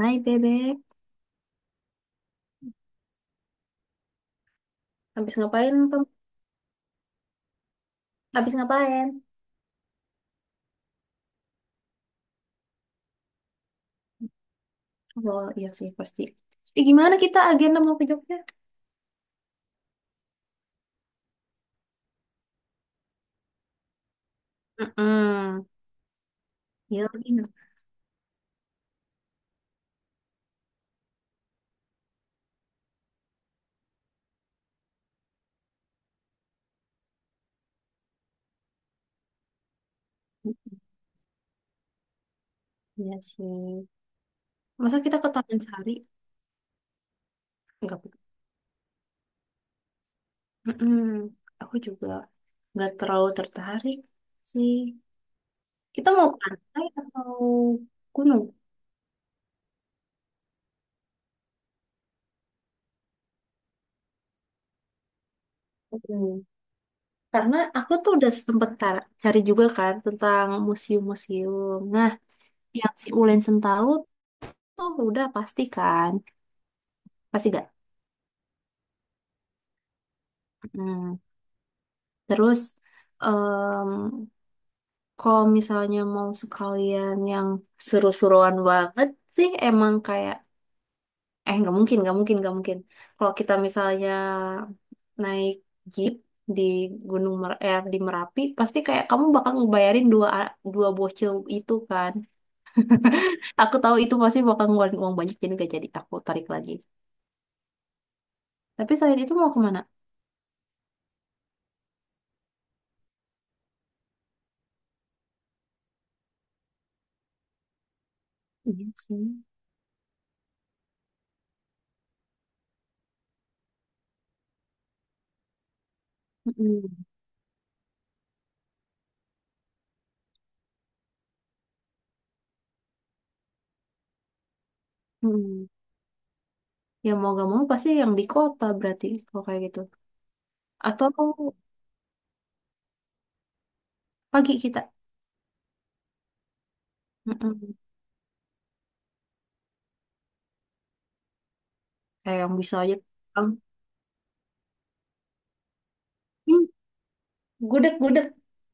Hai bebek, habis ngapain kamu? Habis ngapain? Oh iya sih pasti. Gimana kita agenda mau ke Jogja? Mm-mm. Iya lagi nggak? Iya sih. Masa kita ke Taman Sari? Enggak. Mm-mm. Aku juga nggak terlalu tertarik sih. Kita mau pantai atau gunung? mm Karena aku tuh udah sempet cari juga kan tentang museum-museum. Nah, yang si Ulen Sentalu tuh udah pasti kan? Pasti gak? Nah, terus em, kalau misalnya mau sekalian yang seru-seruan banget sih emang kayak nggak mungkin nggak mungkin nggak mungkin. Kalau kita misalnya naik jeep di di Merapi pasti kayak kamu bakal ngebayarin dua dua bocil itu kan. Aku tahu itu pasti bakal ngeluarin uang banyak jadi gak jadi aku tarik lagi. Tapi selain itu mau kemana? Iya sih. Mm-mm. Mm-mm. Ya mau gak mau pasti yang di kota berarti kalau kayak gitu. Atau pagi kita. Mm-mm. Kayak yang bisa aja. um, hmm, gudeg gudeg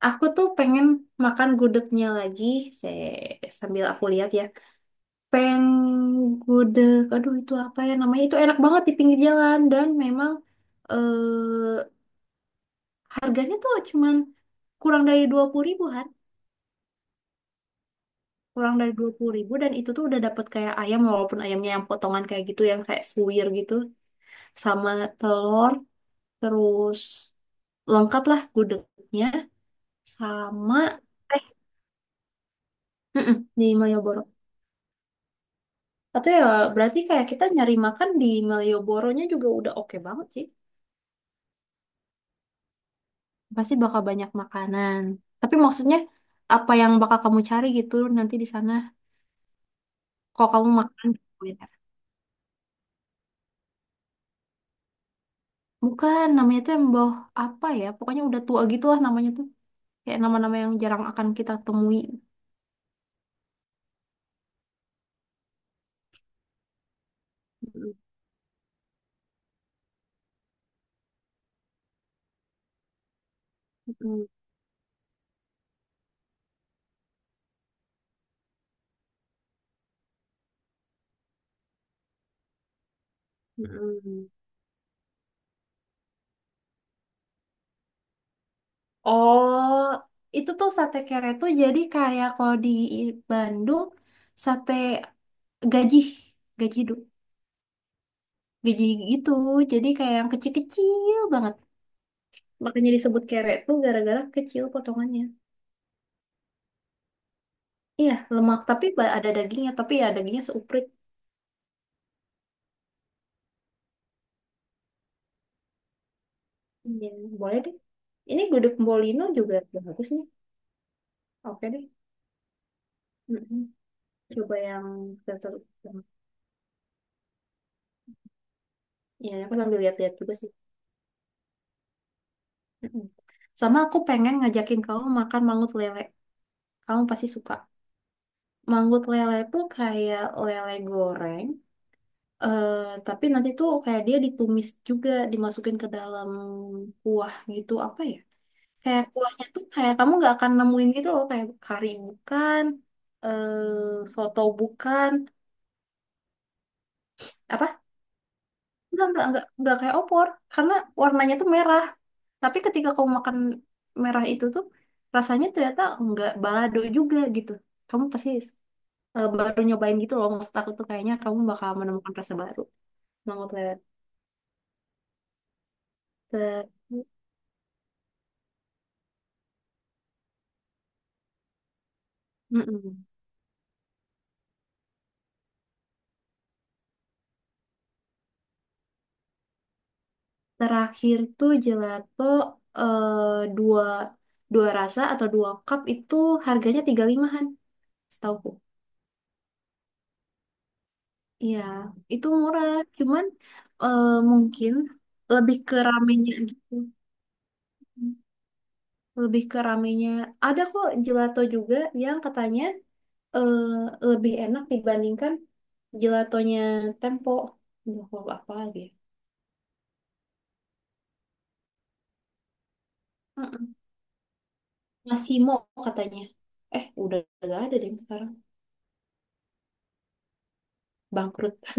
aku tuh pengen makan gudegnya lagi saya sambil aku lihat ya, peng gudeg aduh itu apa ya namanya itu enak banget di pinggir jalan dan memang eh, harganya tuh cuman kurang dari 20 ribuan, kurang dari 20 ribu dan itu tuh udah dapet kayak ayam walaupun ayamnya yang potongan kayak gitu yang kayak suwir gitu sama telur terus lengkap lah gudegnya. Sama eh mm-mm, di Malioboro. Atau ya berarti kayak kita nyari makan di Malioboronya juga udah oke banget sih. Pasti bakal banyak makanan. Tapi maksudnya apa yang bakal kamu cari gitu nanti di sana kalau kamu makan di kuliner. Bukan namanya tuh yang bawah apa ya? Pokoknya udah tua gitu lah namanya tuh. Kayak nama-nama yang jarang akan kita temui. Mm-mm, mm-mm, mm-mm. Oh, itu tuh sate kere tuh jadi kayak kalau di Bandung sate gaji, gaji du- gaji gitu. Jadi kayak yang kecil-kecil banget. Makanya disebut kere tuh gara-gara kecil potongannya. Iya, lemak tapi ada dagingnya, tapi ya dagingnya seuprit. Iya, boleh deh. Ini gudeg Bolino juga bagus nih. Oke deh. Mm-mm. Coba yang tertentu. Ya, aku sambil lihat-lihat juga sih. Mm-mm. Sama aku pengen ngajakin kamu makan mangut lele. Kamu pasti suka. Manggut lele tuh kayak lele goreng, eh, tapi nanti tuh kayak dia ditumis juga, dimasukin ke dalam kuah gitu, apa ya? Kayak kuahnya tuh kayak kamu nggak akan nemuin gitu loh, kayak kari bukan, soto bukan, apa? Nggak kayak opor, karena warnanya tuh merah. Tapi ketika kamu makan merah itu tuh, rasanya ternyata nggak balado juga gitu. Kamu pasti baru nyobain gitu loh. Maksud aku tuh kayaknya kamu bakal menemukan rasa baru. Mango planet. Ter- Mm-mm. Terakhir tuh gelato eh, dua dua rasa atau dua cup itu harganya 35-an setauku. Iya, itu murah. Cuman eh, mungkin lebih ke ramenya gitu. Lebih ke ramenya. Ada kok gelato juga yang katanya eh, lebih enak dibandingkan gelatonya Tempo. Duh, apa lagi ya? Mm-mm. Massimo katanya. Eh, udah gak ada deh sekarang. Bangkrut.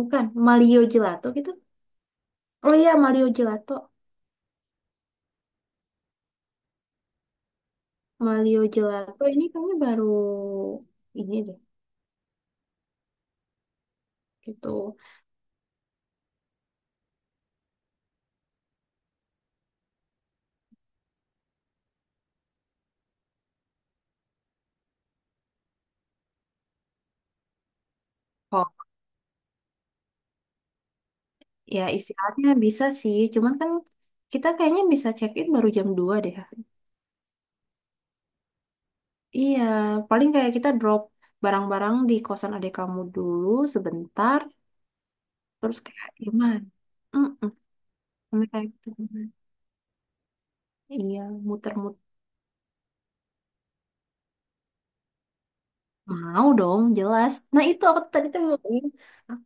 Bukan, Malio Gelato gitu. Oh iya, Malio Gelato. Malio Gelato ini kayaknya baru ini deh gitu. Oh, ya istirahatnya bisa sih. Cuman kan kita kayaknya bisa check-in baru jam 2 deh. Iya, paling kayak kita drop barang-barang di kosan adik kamu dulu sebentar. Terus kayak gimana? Mm-mm. Kayak gitu. Iya, muter-muter. Mau dong, jelas. Nah, itu aku tadi tuh mau ngomongin. Ah,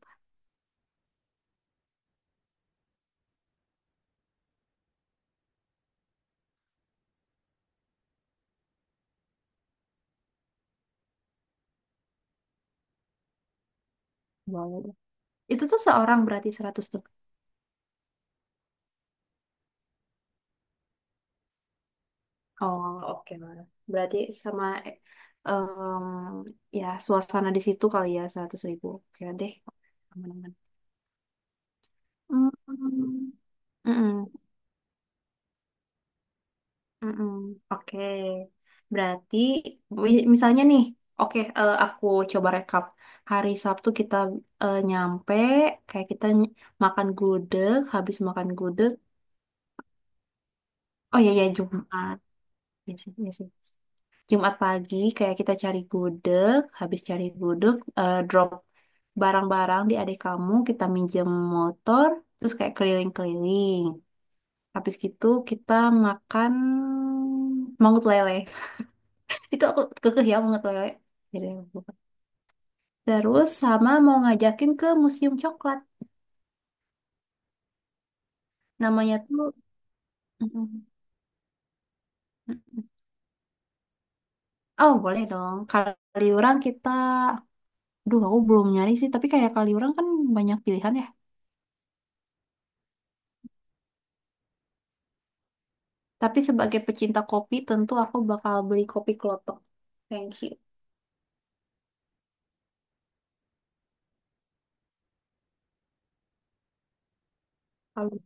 boleh. Itu tuh seorang berarti 100 tuh. Oh, oke lah. Berarti sama eh, em, ya suasana di situ kali ya 100 ribu. Oke deh. Aman-aman. Mm, mm, mm, mm. Oke. Berarti misalnya nih, oke aku coba rekap. Hari Sabtu kita nyampe, kayak makan gudeg, habis makan gudeg. Oh iya iya Jumat. Iya sih, iya sih. Jumat pagi kayak kita cari gudeg, habis cari gudeg, drop barang-barang di adik kamu, kita minjem motor, terus kayak keliling-keliling. Habis gitu kita makan mangut lele. Itu aku kekeh ya mangut lele. Jadi aku lupa. Terus sama mau ngajakin ke Museum Coklat. Namanya tuh. Oh, boleh dong. Kaliurang kita, aduh aku belum nyari sih, tapi kayak Kaliurang kan banyak pilihan ya. Tapi sebagai pecinta kopi, tentu aku bakal beli kopi klotok. Thank you. Kalau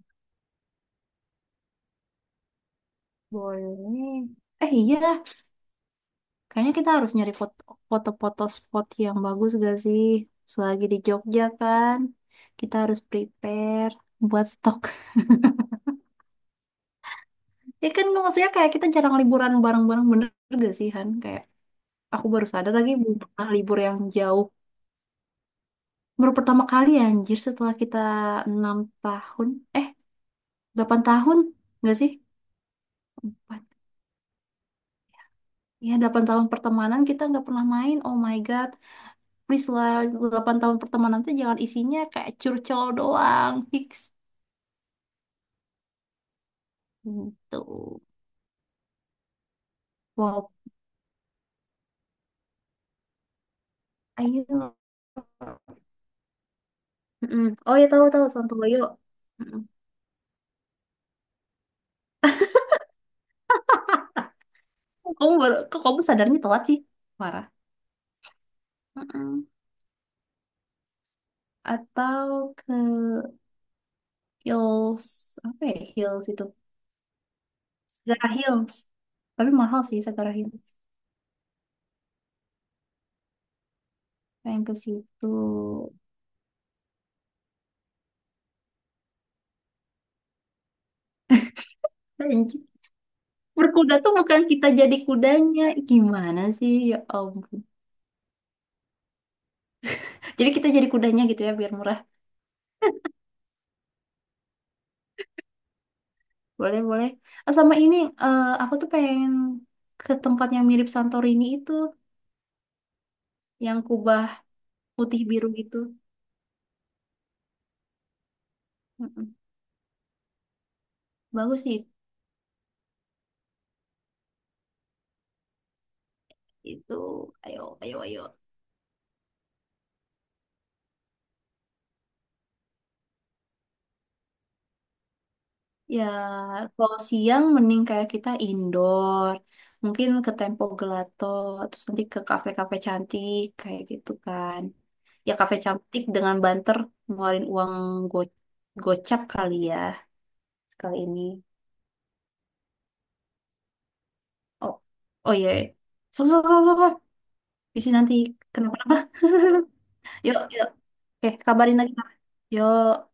boleh, eh iya, kayaknya kita harus nyari foto-foto spot yang bagus gak sih? Selagi di Jogja kan, kita harus prepare buat stok. Ya kan maksudnya kayak kita jarang liburan bareng-bareng bener gak sih Han? Kayak aku baru sadar lagi belum pernah libur yang jauh. Baru pertama kali anjir setelah kita 6 tahun, eh 8 tahun gak sih? Ya, 8 tahun pertemanan kita nggak pernah main. Oh my God. Please lah, 8 tahun pertemanan tuh jangan isinya kayak curcol doang. Fix. Gitu. Wow. Ayo. Mm-mm. Oh ya, tahu tahu Santoyo. Mm-mm. Kok kamu baru, kok kamu sadarnya telat sih? Parah. Mm-mm. Atau ke Hills. Apa ya Hills itu? Sagara Hills. Tapi mahal sih Sagara Hills. Pengen ke situ. Berkuda tuh bukan kita jadi kudanya. Gimana sih? Ya ampun. Jadi kita jadi kudanya gitu ya biar murah. Boleh, boleh. Oh, sama ini aku tuh pengen ke tempat yang mirip Santorini itu, yang kubah putih biru gitu. Mm-mm. Bagus sih itu. Ayo, ayo, ayo. Ya, kalau siang mending kayak kita indoor. Mungkin ke Tempo Gelato, terus nanti ke kafe-kafe cantik kayak gitu kan. Ya kafe cantik dengan banter ngeluarin uang go gocap kali ya sekali ini. Oh, oh iya. So, so, so, so, so. Bisa nanti kenapa-napa. Yuk, yuk. Oke, kabarin lagi. Yuk.